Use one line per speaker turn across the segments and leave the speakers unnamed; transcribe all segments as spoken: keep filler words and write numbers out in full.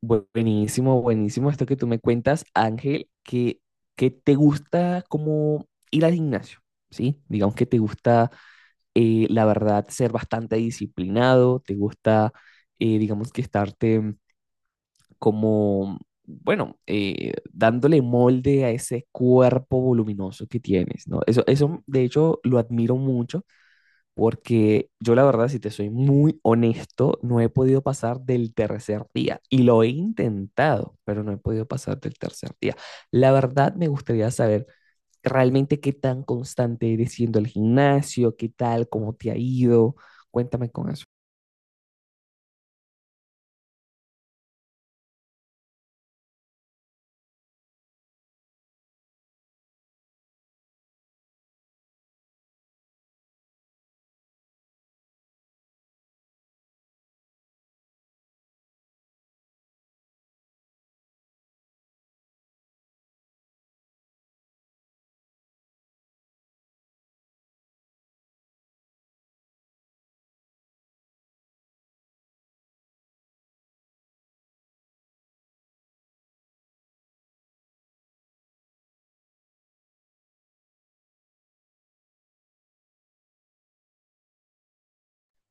Buenísimo, buenísimo esto que tú me cuentas, Ángel, que, que te gusta como ir al gimnasio, ¿sí? Digamos que te gusta, eh, la verdad, ser bastante disciplinado, te gusta, eh, digamos que estarte mm, como, bueno, eh, dándole molde a ese cuerpo voluminoso que tienes, ¿no? Eso, eso, de hecho, lo admiro mucho. Porque yo la verdad, si te soy muy honesto, no he podido pasar del tercer día. Y lo he intentado, pero no he podido pasar del tercer día. La verdad, me gustaría saber realmente qué tan constante eres siendo al gimnasio, qué tal, cómo te ha ido. Cuéntame con eso.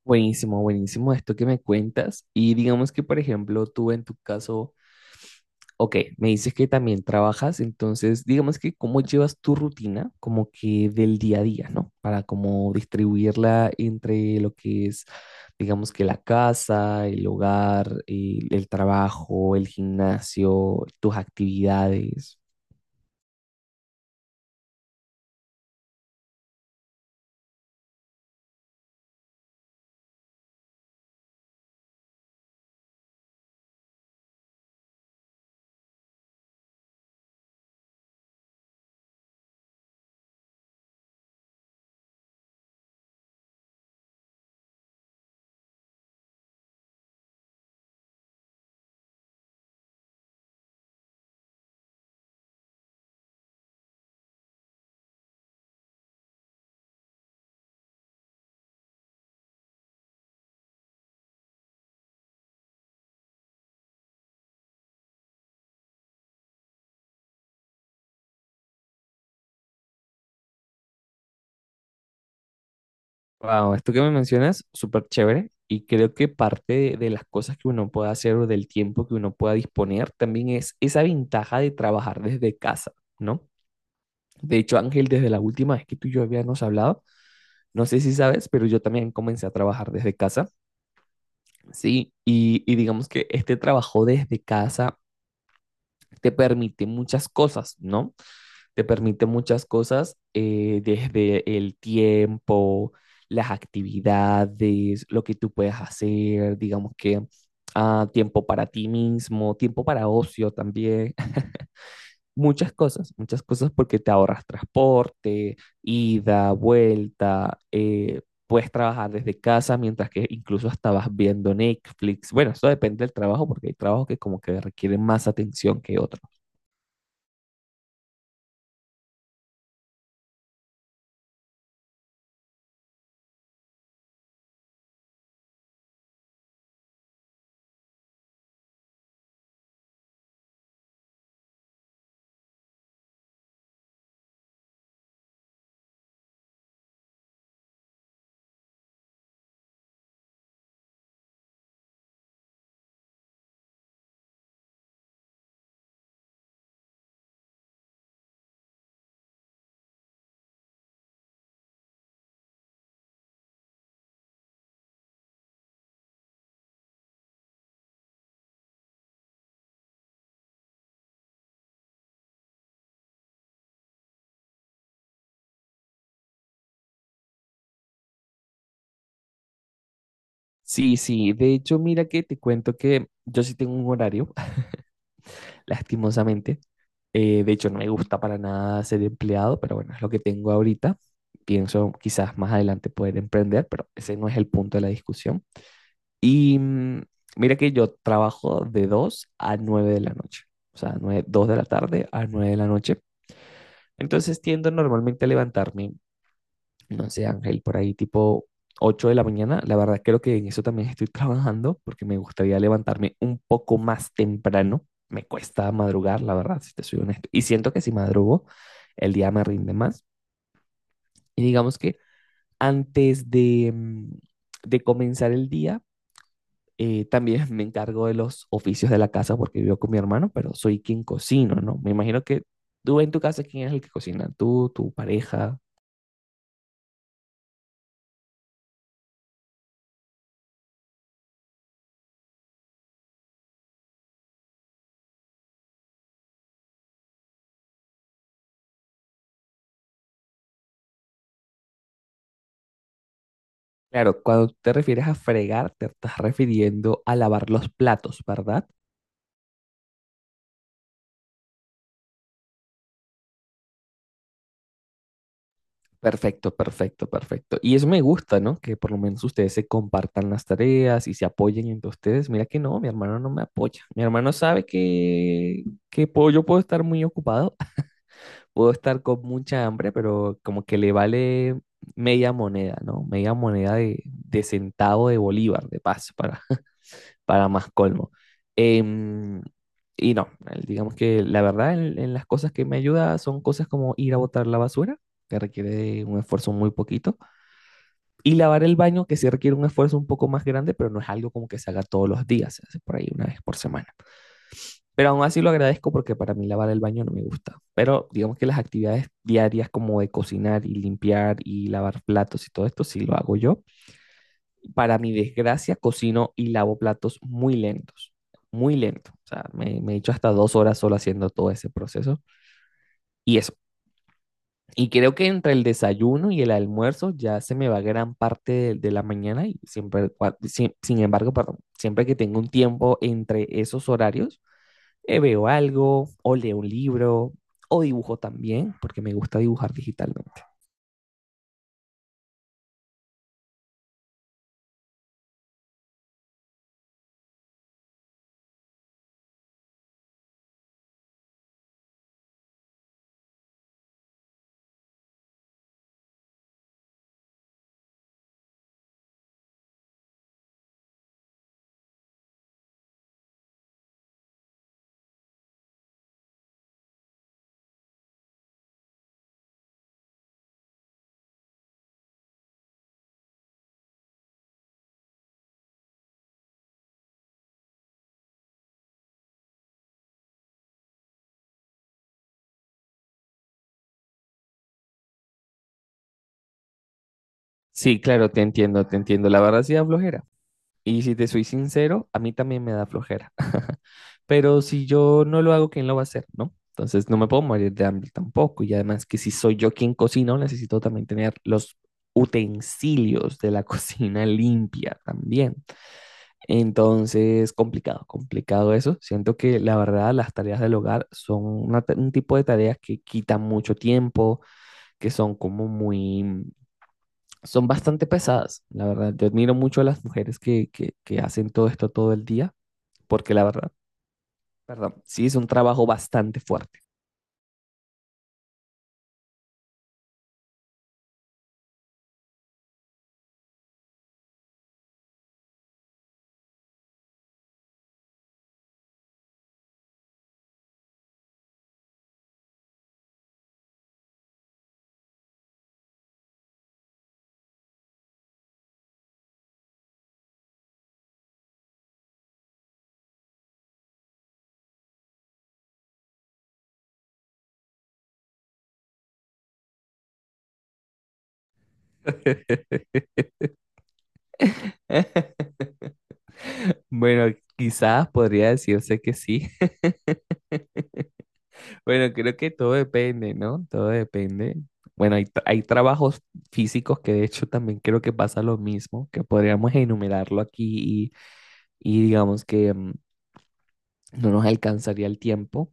Buenísimo, buenísimo esto que me cuentas. Y digamos que, por ejemplo, tú en tu caso. Ok, me dices que también trabajas, entonces digamos que cómo llevas tu rutina como que del día a día, ¿no? Para como distribuirla entre lo que es, digamos que la casa, el hogar, el, el trabajo, el gimnasio, tus actividades. Wow, esto que me mencionas, súper chévere. Y creo que parte de, de las cosas que uno pueda hacer o del tiempo que uno pueda disponer también es esa ventaja de trabajar desde casa, ¿no? De hecho, Ángel, desde la última vez que tú y yo habíamos hablado, no sé si sabes, pero yo también comencé a trabajar desde casa, ¿sí? Y, y digamos que este trabajo desde casa te permite muchas cosas, ¿no? Te permite muchas cosas, eh, desde el tiempo, las actividades, lo que tú puedes hacer, digamos que ah, tiempo para ti mismo, tiempo para ocio también, muchas cosas, muchas cosas porque te ahorras transporte, ida, vuelta, eh, puedes trabajar desde casa mientras que incluso estabas viendo Netflix. Bueno, eso depende del trabajo porque hay trabajos que como que requieren más atención que otros. Sí, sí, de hecho, mira que te cuento que yo sí tengo un horario, lastimosamente. Eh, de hecho, no me gusta para nada ser empleado, pero bueno, es lo que tengo ahorita. Pienso quizás más adelante poder emprender, pero ese no es el punto de la discusión. Y mm, mira que yo trabajo de dos a nueve de la noche, o sea, nueve dos de la tarde a nueve de la noche. Entonces tiendo normalmente a levantarme, no sé, Ángel, por ahí tipo ocho de la mañana. La verdad creo que en eso también estoy trabajando porque me gustaría levantarme un poco más temprano. Me cuesta madrugar, la verdad, si te soy honesto. Y siento que si madrugo, el día me rinde más. Y digamos que antes de, mm, de comenzar el día, Eh, también me encargo de los oficios de la casa porque vivo con mi hermano, pero soy quien cocino, ¿no? Me imagino que tú en tu casa, ¿quién es el que cocina? ¿Tú, tu pareja? Claro, cuando te refieres a fregar, te estás refiriendo a lavar los platos, ¿verdad? Perfecto, perfecto, perfecto. Y eso me gusta, ¿no? Que por lo menos ustedes se compartan las tareas y se apoyen entre ustedes. Mira que no, mi hermano no me apoya. Mi hermano sabe que, que po- yo puedo estar muy ocupado, puedo estar con mucha hambre, pero como que le vale media moneda, ¿no? Media moneda de, de centavo de bolívar, de paso, para, para más colmo. Em, y no, el- digamos que la verdad en, en las cosas que me ayuda son cosas como ir a botar la basura, que requiere de un esfuerzo muy poquito, y lavar el baño, que sí requiere un esfuerzo un poco más grande, pero no es algo como que se haga todos los días, se hace por ahí una vez por semana. Pero aún así lo agradezco porque para mí lavar el baño no me gusta. Pero digamos que las actividades diarias como de cocinar y limpiar y lavar platos y todo esto sí lo hago yo. Para mi desgracia, cocino y lavo platos muy lentos, muy lento. O sea, me, me he hecho hasta dos horas solo haciendo todo ese proceso. Y eso. Y creo que entre el desayuno y el almuerzo ya se me va gran parte de, de la mañana y siempre, cua- sin, sin embargo, perdón, siempre que tengo un tiempo entre esos horarios, eh, veo algo, o leo un libro, o dibujo también, porque me gusta dibujar digitalmente. Sí, claro, te entiendo, te entiendo. La verdad sí da flojera. Y si te soy sincero, a mí también me da flojera. Pero si yo no lo hago, ¿quién lo va a hacer, no? Entonces no me puedo morir de hambre tampoco. Y además que si soy yo quien cocino, necesito también tener los utensilios de la cocina limpia también. Entonces, complicado, complicado eso. Siento que la verdad las tareas del hogar son una ta- un tipo de tareas que quitan mucho tiempo, que son como muy, mm, son bastante pesadas. La verdad, yo admiro mucho a las mujeres que, que, que hacen todo esto todo el día, porque la verdad, perdón, sí es un trabajo bastante fuerte. Bueno, quizás podría decirse que sí. Bueno, creo que todo depende, ¿no? Todo depende. Bueno, hay, tra- hay trabajos físicos que de hecho también creo que pasa lo mismo, que podríamos enumerarlo aquí y, y digamos que mm, no nos alcanzaría el tiempo.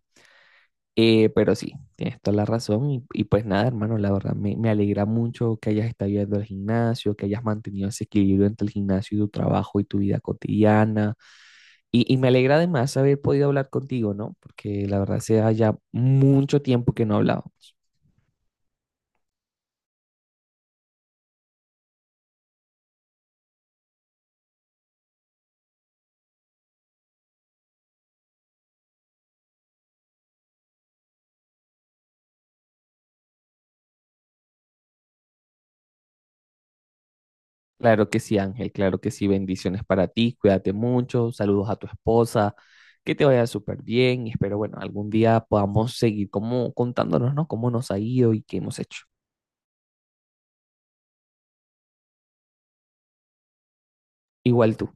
Eh, pero sí, tienes toda la razón y, y pues nada, hermano, la verdad me, me alegra mucho que hayas estado yendo al gimnasio, que hayas mantenido ese equilibrio entre el gimnasio y tu trabajo y tu vida cotidiana. Y, y me alegra además haber podido hablar contigo, ¿no? Porque la verdad hace ya mucho tiempo que no hablábamos. Claro que sí, Ángel, claro que sí. Bendiciones para ti, cuídate mucho, saludos a tu esposa, que te vaya súper bien y espero, bueno, algún día podamos seguir como contándonos, ¿no? Cómo nos ha ido y qué hemos hecho. Igual tú.